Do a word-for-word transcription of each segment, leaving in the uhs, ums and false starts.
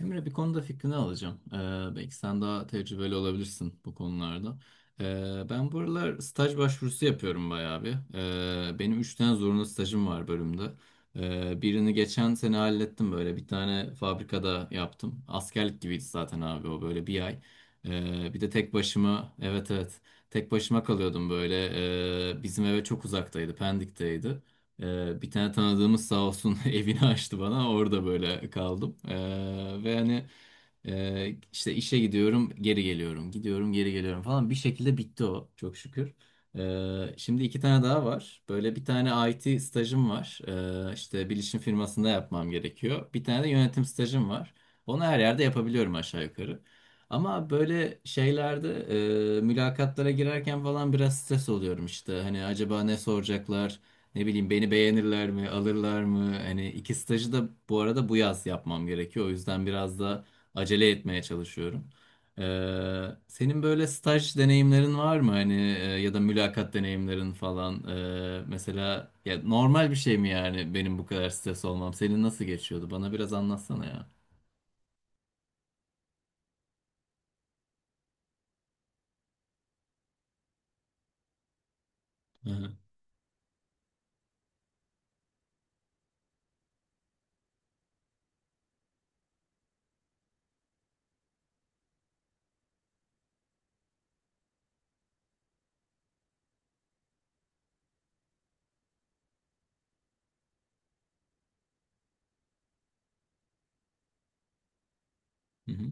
Emre bir konuda fikrini alacağım. Ee, belki sen daha tecrübeli olabilirsin bu konularda. Ee, ben bu aralar staj başvurusu yapıyorum bayağı bir. Ee, benim üç tane zorunlu stajım var bölümde. Ee, birini geçen sene hallettim böyle. Bir tane fabrikada yaptım. Askerlik gibiydi zaten abi o böyle bir ay. Ee, bir de tek başıma, evet evet, tek başıma kalıyordum böyle. Ee, bizim eve çok uzaktaydı, Pendik'teydi. Ee, bir tane tanıdığımız sağ olsun evini açtı bana. Orada böyle kaldım. Ee, ve hani e, işte işe gidiyorum, geri geliyorum. Gidiyorum, geri geliyorum falan. Bir şekilde bitti o çok şükür. Ee, şimdi iki tane daha var. Böyle bir tane I T stajım var. Ee, işte bilişim firmasında yapmam gerekiyor. Bir tane de yönetim stajım var. Onu her yerde yapabiliyorum aşağı yukarı. Ama böyle şeylerde e, mülakatlara girerken falan biraz stres oluyorum işte. Hani acaba ne soracaklar? Ne bileyim, beni beğenirler mi, alırlar mı? Hani iki stajı da bu arada bu yaz yapmam gerekiyor. O yüzden biraz da acele etmeye çalışıyorum. Ee, senin böyle staj deneyimlerin var mı? Hani e, ya da mülakat deneyimlerin falan. Ee, mesela ya normal bir şey mi yani benim bu kadar stres olmam? Senin nasıl geçiyordu? Bana biraz anlatsana ya. Hı hı. Hı hı.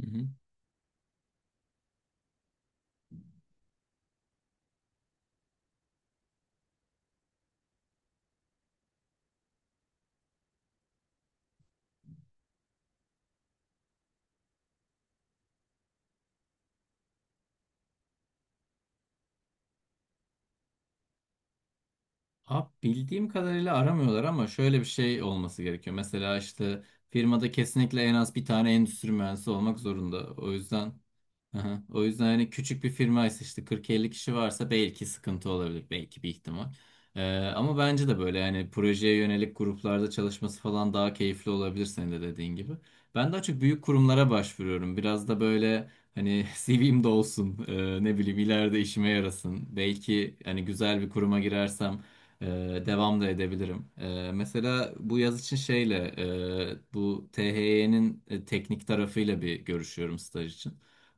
Hı hı. Abi bildiğim kadarıyla aramıyorlar ama şöyle bir şey olması gerekiyor. Mesela işte firmada kesinlikle en az bir tane endüstri mühendisi olmak zorunda. O yüzden. Aha. O yüzden hani küçük bir firmaysa, işte kırk elli kişi varsa belki sıkıntı olabilir. Belki bir ihtimal. Ee, ama bence de böyle hani projeye yönelik gruplarda çalışması falan daha keyifli olabilir, senin de dediğin gibi. Ben daha çok büyük kurumlara başvuruyorum. Biraz da böyle hani C V'm de olsun. Ee, ne bileyim, ileride işime yarasın. Belki hani güzel bir kuruma girersem e, devam da edebilirim. Ee, mesela bu yaz için şeyle e, bu T H Y'nin teknik tarafıyla bir görüşüyorum staj için.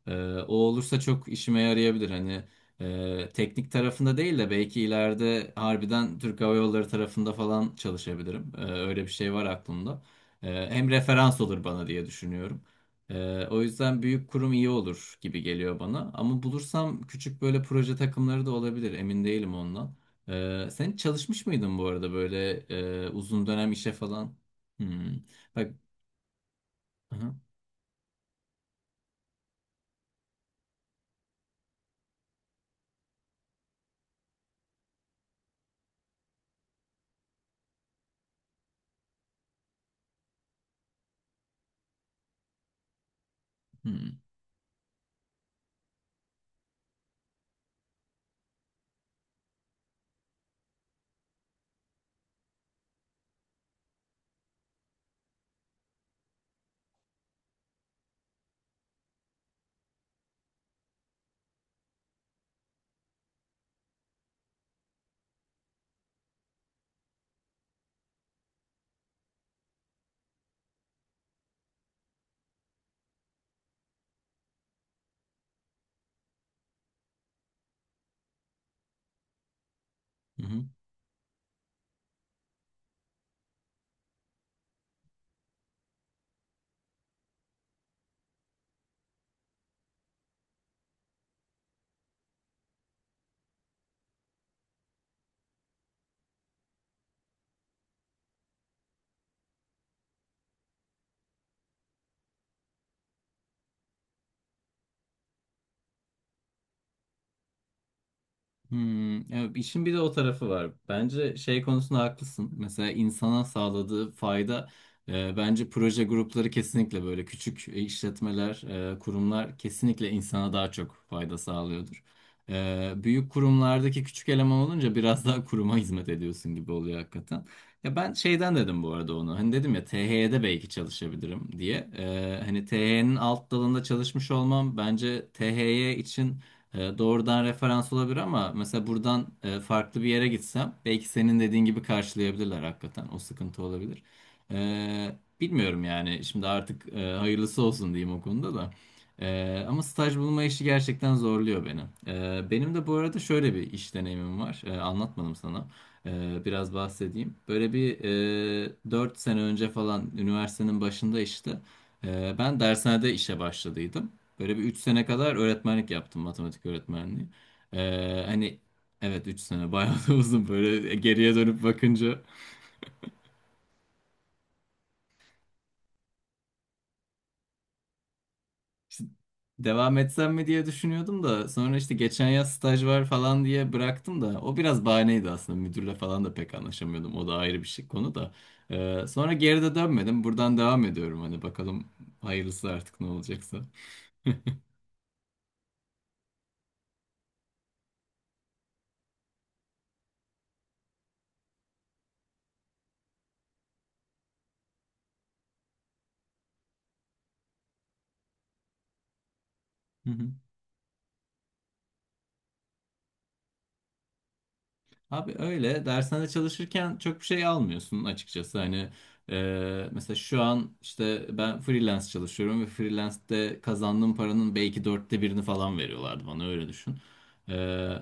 Ee, O olursa çok işime yarayabilir. Hani e, teknik tarafında değil de belki ileride harbiden Türk Hava Yolları tarafında falan çalışabilirim. Ee, öyle bir şey var aklımda. Ee, hem referans olur bana diye düşünüyorum. Ee, o yüzden büyük kurum iyi olur gibi geliyor bana. Ama bulursam küçük böyle proje takımları da olabilir. Emin değilim ondan. Ee, sen hiç çalışmış mıydın bu arada böyle e, uzun dönem işe falan? Hmm. Bak. Hı hı. Hmm. Hı hı. Hmm, ya işin bir de o tarafı var. Bence şey konusunda haklısın. Mesela insana sağladığı fayda, e, bence proje grupları kesinlikle, böyle küçük işletmeler, e, kurumlar kesinlikle insana daha çok fayda sağlıyordur. E, büyük kurumlardaki küçük eleman olunca biraz daha kuruma hizmet ediyorsun gibi oluyor hakikaten. Ya ben şeyden dedim bu arada onu. Hani dedim ya T H Y'de belki çalışabilirim diye. E, hani T H Y'nin alt dalında çalışmış olmam bence T H Y için e, doğrudan referans olabilir, ama mesela buradan e, farklı bir yere gitsem belki senin dediğin gibi karşılayabilirler hakikaten. O sıkıntı olabilir. E, bilmiyorum yani şimdi artık, e, hayırlısı olsun diyeyim o konuda da. E, ama staj bulma işi gerçekten zorluyor beni. E, benim de bu arada şöyle bir iş deneyimim var. E, anlatmadım sana. E, biraz bahsedeyim. Böyle bir e, dört sene önce falan, üniversitenin başında işte e, ben dershanede işe başladıydım. Böyle bir üç sene kadar öğretmenlik yaptım, matematik öğretmenliği. Ee, hani evet, üç sene bayağı da uzun böyle geriye dönüp bakınca, işte devam etsem mi diye düşünüyordum da sonra işte geçen yaz staj var falan diye bıraktım. Da o biraz bahaneydi aslında, müdürle falan da pek anlaşamıyordum, o da ayrı bir şey, konu da. Ee, sonra geri de dönmedim, buradan devam ediyorum. Hani bakalım hayırlısı artık ne olacaksa. Abi öyle dershane çalışırken çok bir şey almıyorsun açıkçası. Hani e, mesela şu an işte ben freelance çalışıyorum ve freelance'de kazandığım paranın belki dörtte birini falan veriyorlardı bana, öyle düşün. E,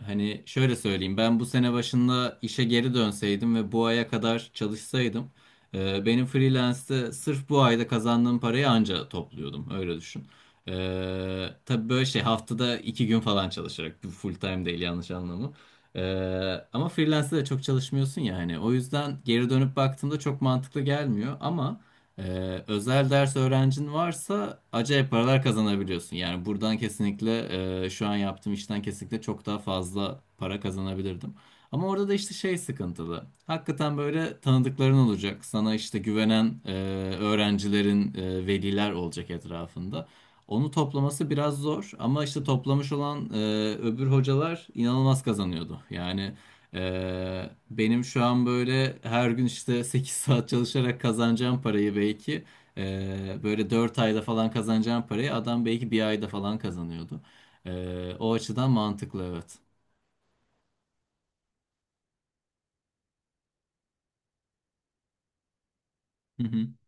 Hani şöyle söyleyeyim, ben bu sene başında işe geri dönseydim ve bu aya kadar çalışsaydım, e, benim freelance'de sırf bu ayda kazandığım parayı anca topluyordum, öyle düşün. E, tabii böyle şey, haftada iki gün falan çalışarak, full time değil, yanlış anlama. Ee, ama freelance'de de çok çalışmıyorsun ya, hani o yüzden geri dönüp baktığımda çok mantıklı gelmiyor ama e, özel ders öğrencin varsa acayip paralar kazanabiliyorsun. Yani buradan kesinlikle, e, şu an yaptığım işten kesinlikle çok daha fazla para kazanabilirdim. Ama orada da işte şey sıkıntılı. Hakikaten böyle tanıdıkların olacak. Sana işte güvenen e, öğrencilerin, e, veliler olacak etrafında. Onu toplaması biraz zor ama işte toplamış olan e, öbür hocalar inanılmaz kazanıyordu. Yani e, benim şu an böyle her gün işte sekiz saat çalışarak kazanacağım parayı, belki e, böyle dört ayda falan kazanacağım parayı adam belki bir ayda falan kazanıyordu. E, o açıdan mantıklı, evet.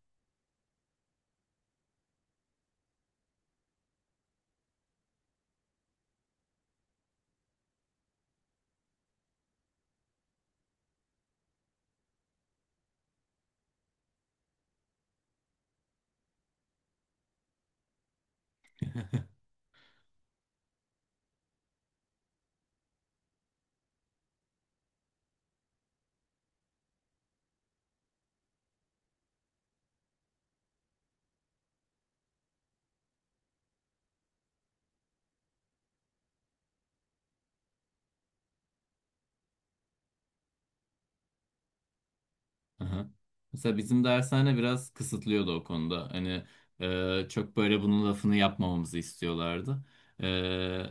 Aha. Mesela bizim dershane biraz kısıtlıyordu o konuda. Hani e, çok böyle bunun lafını yapmamamızı istiyorlardı. E,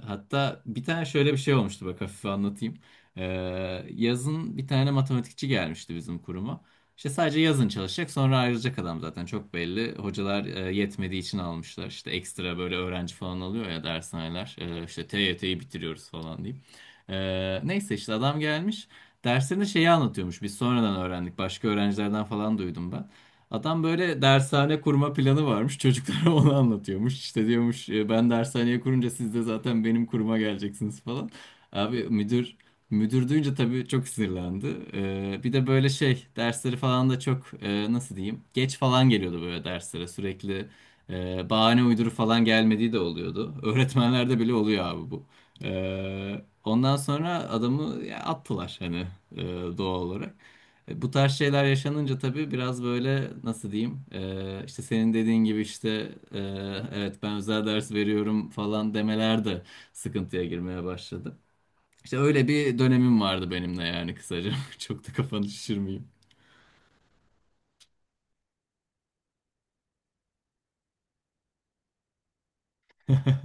Hatta bir tane şöyle bir şey olmuştu, bak hafife anlatayım. E, Yazın bir tane matematikçi gelmişti bizim kuruma. İşte sadece yazın çalışacak sonra ayrılacak adam zaten, çok belli. Hocalar e, yetmediği için almışlar. İşte ekstra böyle öğrenci falan alıyor ya dershaneler. E, işte T Y T'yi bitiriyoruz falan diyeyim. E, neyse işte adam gelmiş. Derslerinde şeyi anlatıyormuş. Biz sonradan öğrendik, başka öğrencilerden falan duydum ben. Adam böyle dershane kurma planı varmış. Çocuklara onu anlatıyormuş. İşte diyormuş, "E, Ben dershaneye kurunca siz de zaten benim kuruma geleceksiniz" falan. Abi müdür müdür duyunca tabii çok sinirlendi. Ee, bir de böyle şey dersleri falan da çok, e, nasıl diyeyim, geç falan geliyordu böyle derslere sürekli. e, bahane uyduru falan gelmediği de oluyordu. Öğretmenlerde bile oluyor abi bu. Ee, ondan sonra adamı ya, attılar hani, e, doğal olarak. E, bu tarz şeyler yaşanınca tabii biraz böyle, nasıl diyeyim, e, işte senin dediğin gibi işte, e, evet ben özel ders veriyorum falan demeler de sıkıntıya girmeye başladı. İşte öyle bir dönemim vardı benim de, yani kısaca. Çok da kafanı şişirmeyeyim.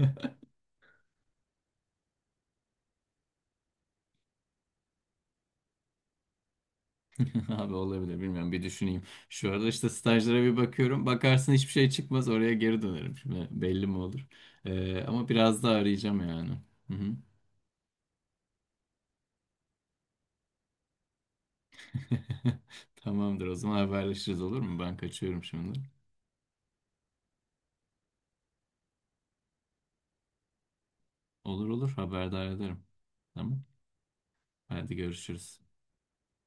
Abi olabilir, bilmiyorum, bir düşüneyim. Şu arada işte stajlara bir bakıyorum. Bakarsın hiçbir şey çıkmaz, oraya geri dönerim. Şimdi belli mi olur? Ee, ama biraz daha arayacağım yani. Hı hı. Tamamdır, o zaman haberleşiriz olur mu? Ben kaçıyorum şimdi. Olur olur, haberdar ederim. Tamam. Hadi görüşürüz.